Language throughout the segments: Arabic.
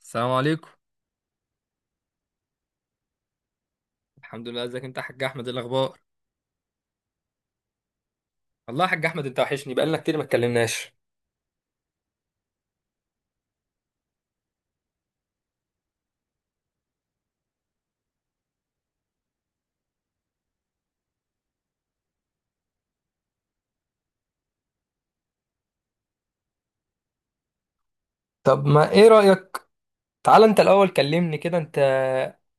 السلام عليكم. الحمد لله، ازيك انت يا حاج احمد؟ إيه الاخبار؟ والله يا حاج احمد انت وحشني، بقالنا كتير ما اتكلمناش. طب ما ايه رأيك؟ تعال انت الاول كلمني كده انت.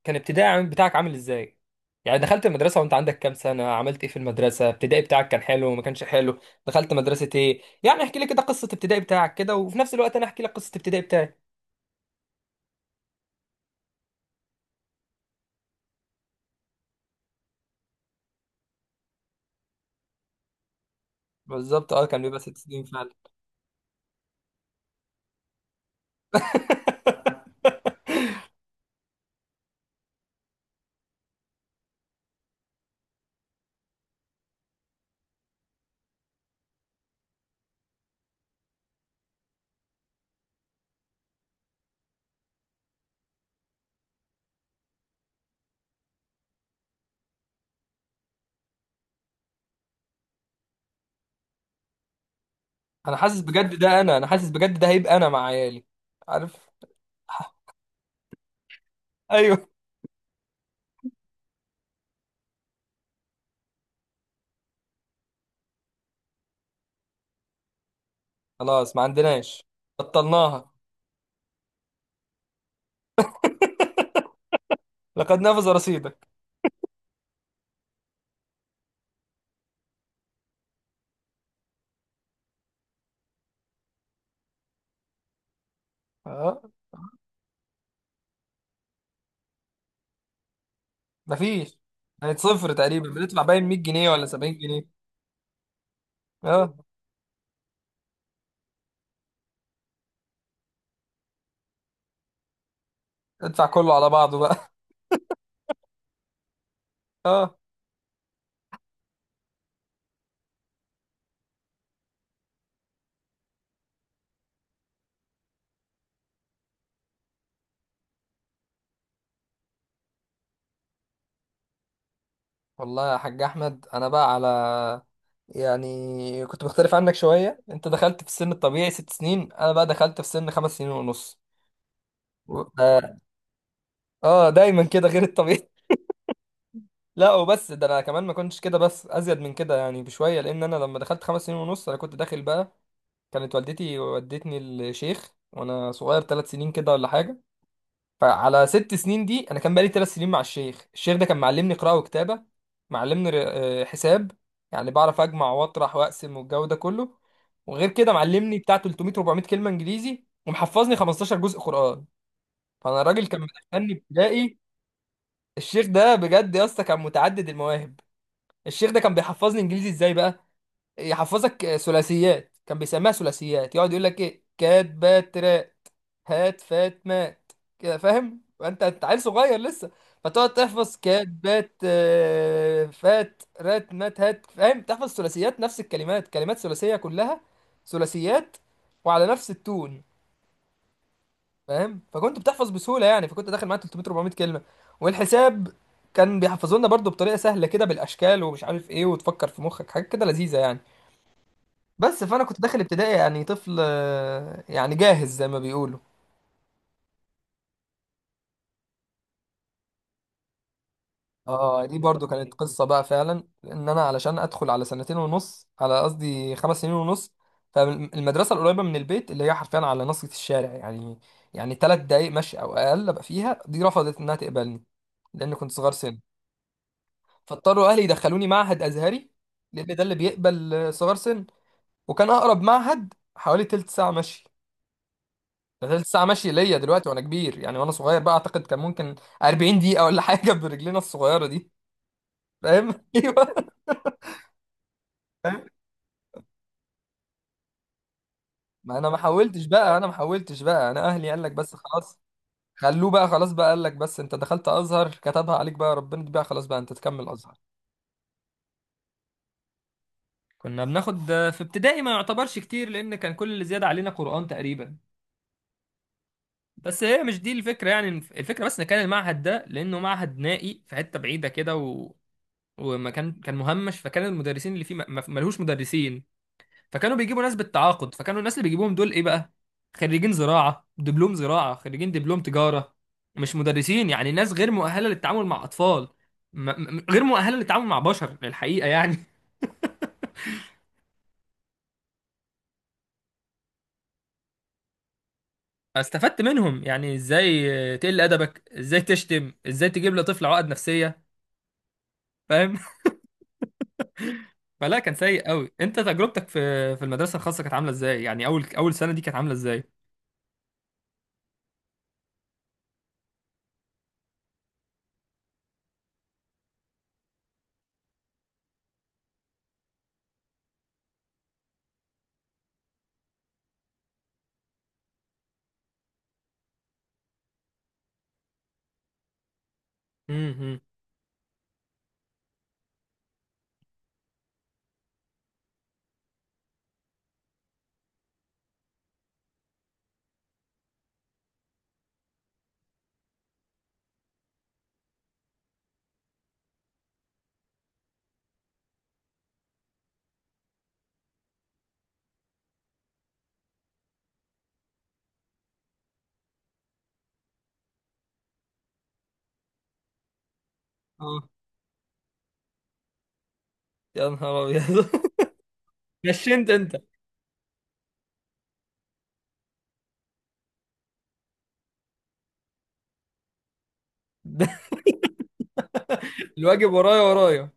كان ابتدائي بتاعك عامل ازاي؟ يعني دخلت المدرسة وانت عندك كام سنة؟ عملت ايه في المدرسة؟ ابتدائي بتاعك كان حلو ما كانش حلو؟ دخلت مدرسة ايه؟ يعني احكي لي كده قصة ابتدائي بتاعك كده، وفي نفس الوقت انا احكي لك قصة ابتدائي بتاعي. بالظبط، اه كان بيبقى 6 سنين فعلا. انا حاسس بجد ده، انا حاسس بجد ده، هيبقى انا مع عيالي. عارف. خلاص، ما عندناش، بطلناها. لقد نفذ رصيدك. اه، مفيش. كانت صفر تقريبا، بندفع باين 100 جنيه ولا 70 جنيه. اه، ادفع كله على بعضه بقى. اه. والله يا حاج احمد انا بقى على، يعني كنت مختلف عنك شويه. انت دخلت في السن الطبيعي ست سنين، انا بقى دخلت في سن 5 سنين ونص. اه، دايما كده غير الطبيعي. لا وبس، ده انا كمان ما كنتش كده بس ازيد من كده يعني بشويه، لان انا لما دخلت 5 سنين ونص انا كنت داخل بقى. كانت والدتي ودتني الشيخ وانا صغير 3 سنين كده ولا حاجه. فعلى 6 سنين دي انا كان بقالي 3 سنين مع الشيخ. الشيخ ده كان معلمني قراءه وكتابه، معلمني حساب، يعني بعرف اجمع واطرح واقسم والجو ده كله. وغير كده معلمني بتاع 300 400 كلمه انجليزي، ومحفظني 15 جزء قران. فانا الراجل كان مدخلني ابتدائي. الشيخ ده بجد يا اسطى كان متعدد المواهب. الشيخ ده كان بيحفظني انجليزي ازاي بقى؟ يحفظك ثلاثيات، كان بيسميها ثلاثيات. يقعد يقول لك ايه، كات بات هات فات مات كده، فاهم؟ انت انت عيل صغير لسه، فتقعد تحفظ كات بات فات رات مات هات. فاهم؟ تحفظ ثلاثيات، نفس الكلمات، كلمات ثلاثيه كلها، ثلاثيات، وعلى نفس التون. فاهم؟ فكنت بتحفظ بسهوله يعني، فكنت داخل معاه 300 400 كلمه. والحساب كان بيحفظوا لنا برضه بطريقه سهله كده، بالاشكال ومش عارف ايه، وتفكر في مخك حاجات كده لذيذه يعني. بس فانا كنت داخل ابتدائي يعني طفل يعني جاهز زي ما بيقولوا. اه دي برضو كانت قصة بقى فعلا، ان انا علشان ادخل على سنتين ونص، على قصدي 5 سنين ونص، فالمدرسة القريبة من البيت اللي هي حرفيا على نص الشارع يعني، يعني 3 دقايق مشي او اقل ابقى فيها، دي رفضت انها تقبلني لان كنت صغير سن. فاضطروا اهلي يدخلوني معهد ازهري لان ده اللي بيقبل صغار سن. وكان اقرب معهد حوالي تلت ساعة مشي. ده تلت ساعة مشي ليا دلوقتي وانا كبير يعني، وانا صغير بقى اعتقد كان ممكن 40 دقيقة ولا حاجة، برجلينا الصغيرة دي. فاهم؟ ايوه. فاهم؟ ما انا ما حاولتش بقى انا ما حاولتش بقى، انا اهلي قال لك بس خلاص، خلوه بقى خلاص بقى. قال لك بس انت دخلت ازهر، كتبها عليك بقى ربنا، دي بقى خلاص بقى، انت تكمل ازهر. كنا بناخد في ابتدائي ما يعتبرش كتير، لان كان كل اللي زياده علينا قرآن تقريبا. بس هي مش دي الفكره يعني، الفكره بس ان كان المعهد ده، لانه معهد نائي في حته بعيده كده و... وما كان مهمش، فكان المدرسين اللي فيه ملهوش مدرسين. فكانوا بيجيبوا ناس بالتعاقد. فكانوا الناس اللي بيجيبوهم دول ايه بقى؟ خريجين زراعة، دبلوم زراعة، خريجين دبلوم تجارة. مش مدرسين يعني، ناس غير مؤهلة للتعامل مع أطفال. م م غير مؤهلة للتعامل مع بشر الحقيقة يعني. استفدت منهم يعني ازاي تقل أدبك، ازاي تشتم، ازاي تجيب لطفل عقد نفسية. فاهم؟ فلا، كان سيء قوي. انت تجربتك في في المدرسة الخاصة كانت عاملة ازاي يعني؟ اول سنة دي كانت عاملة ازاي؟ امم. اه. يا نهار ابيض. نشنت انت. الواجب ورايا ورايا.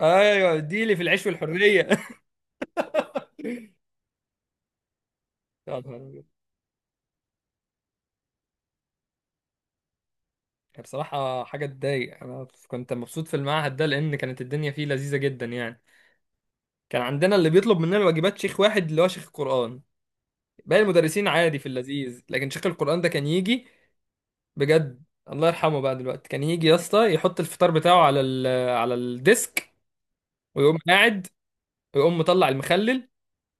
ايوه دي اللي في العيش والحريه. يا نهار أبيض. هي بصراحه حاجه تضايق. انا كنت مبسوط في المعهد ده لان كانت الدنيا فيه لذيذه جدا يعني. كان عندنا اللي بيطلب مننا الواجبات شيخ واحد، اللي هو شيخ القران. باقي المدرسين عادي في اللذيذ، لكن شيخ القران ده كان يجي بجد. الله يرحمه بقى دلوقتي، كان يجي يا اسطى يحط الفطار بتاعه على ال على الديسك، ويقوم قاعد، ويقوم مطلع المخلل،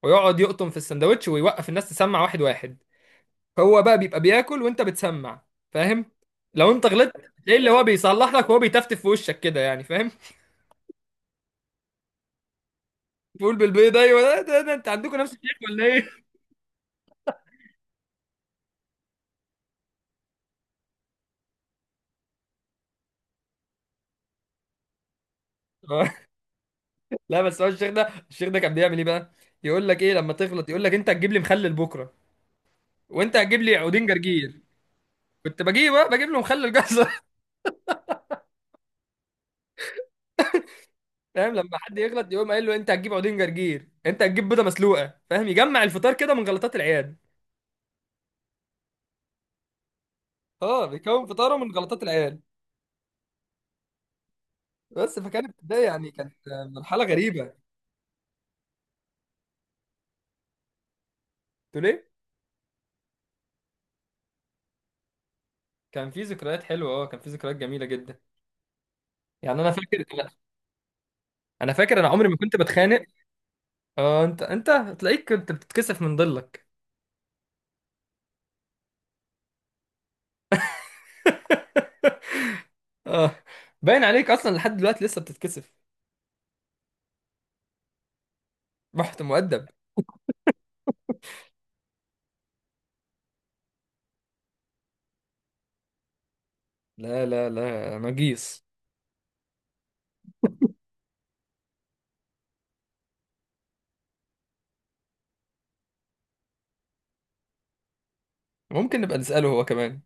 ويقعد يقطم في السندوتش ويوقف الناس تسمع واحد واحد. هو بقى بيبقى بياكل وانت بتسمع، فاهم؟ لو انت غلطت تلاقيه اللي هو بيصلح لك وهو بيتفتف في وشك كده يعني. فاهم؟ بيقول بالبيض، ايوه، ده انت عندكم نفس الشيخ ولا ايه؟ لا بس هو الشيخ ده، الشيخ ده كان بيعمل ايه بقى؟ يقول لك ايه لما تغلط؟ يقول لك انت هتجيب لي مخلل بكره، وانت هتجيب لي عودين جرجير. كنت بجيب بقى، بجيب له مخلل جزر. فاهم؟ لما حد يغلط يقوم قايل له انت هتجيب عودين جرجير، انت هتجيب بيضه مسلوقه. فاهم؟ يجمع الفطار كده من غلطات العيال. اه، بيكون فطاره من غلطات العيال. بس فكانت ده يعني، كانت مرحله غريبه. تقول ايه؟ كان في ذكريات حلوه، اه كان في ذكريات جميله جدا يعني. انا فاكر انا أنا فاكر انا عمري ما كنت بتخانق. اه انت تلاقيك كنت بتتكسف من ضلك. اه باين عليك اصلا لحد دلوقتي لسه بتتكسف. رحت مؤدب. لا لا لا نجيس. ممكن نبقى نساله هو كمان.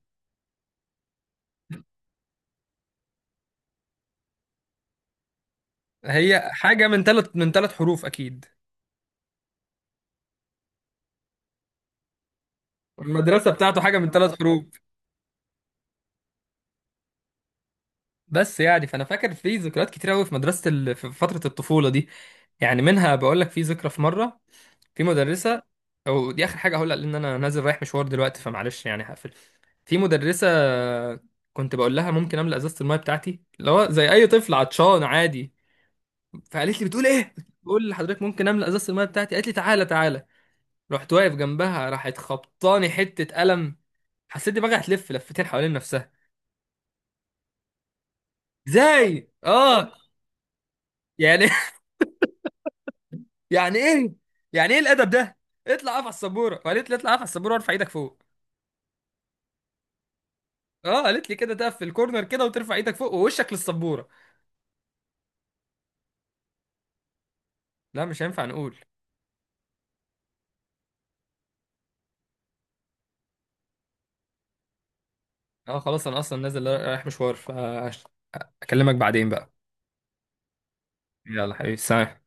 هي حاجه من ثلاث حروف اكيد. المدرسه بتاعته حاجه من 3 حروف. بس يعني فانا فاكر في ذكريات كتير قوي في مدرسه ال... في فتره الطفوله دي. يعني منها بقول لك، في ذكرى، في مره، في مدرسة، أو دي آخر حاجة هقولها لأن أنا نازل رايح مشوار دلوقتي فمعلش يعني هقفل. في مدرسة كنت بقول لها ممكن أملأ إزازة الماية بتاعتي، اللي هو زي أي طفل عطشان عادي. فقالت لي بتقول إيه؟ بقول لحضرتك ممكن أملأ إزازة الماية بتاعتي. قالت لي تعالى تعالى. رحت واقف جنبها، راحت خبطاني حتة قلم، حسيت دماغي هتلف لفتين حوالين نفسها. إزاي؟ آه يعني. يعني إيه؟ يعني إيه الأدب ده؟ اطلع اقف على السبورة. وقالت لي اطلع اقف على السبورة وارفع إيدك فوق. اه قالت لي كده، تقف في الكورنر كده وترفع ايدك فوق ووشك للسبوره. لا، مش هينفع نقول. اه خلاص، انا اصلا نازل رايح مشوار، فاكلمك بعدين بقى. يلا حبيبي، سلام.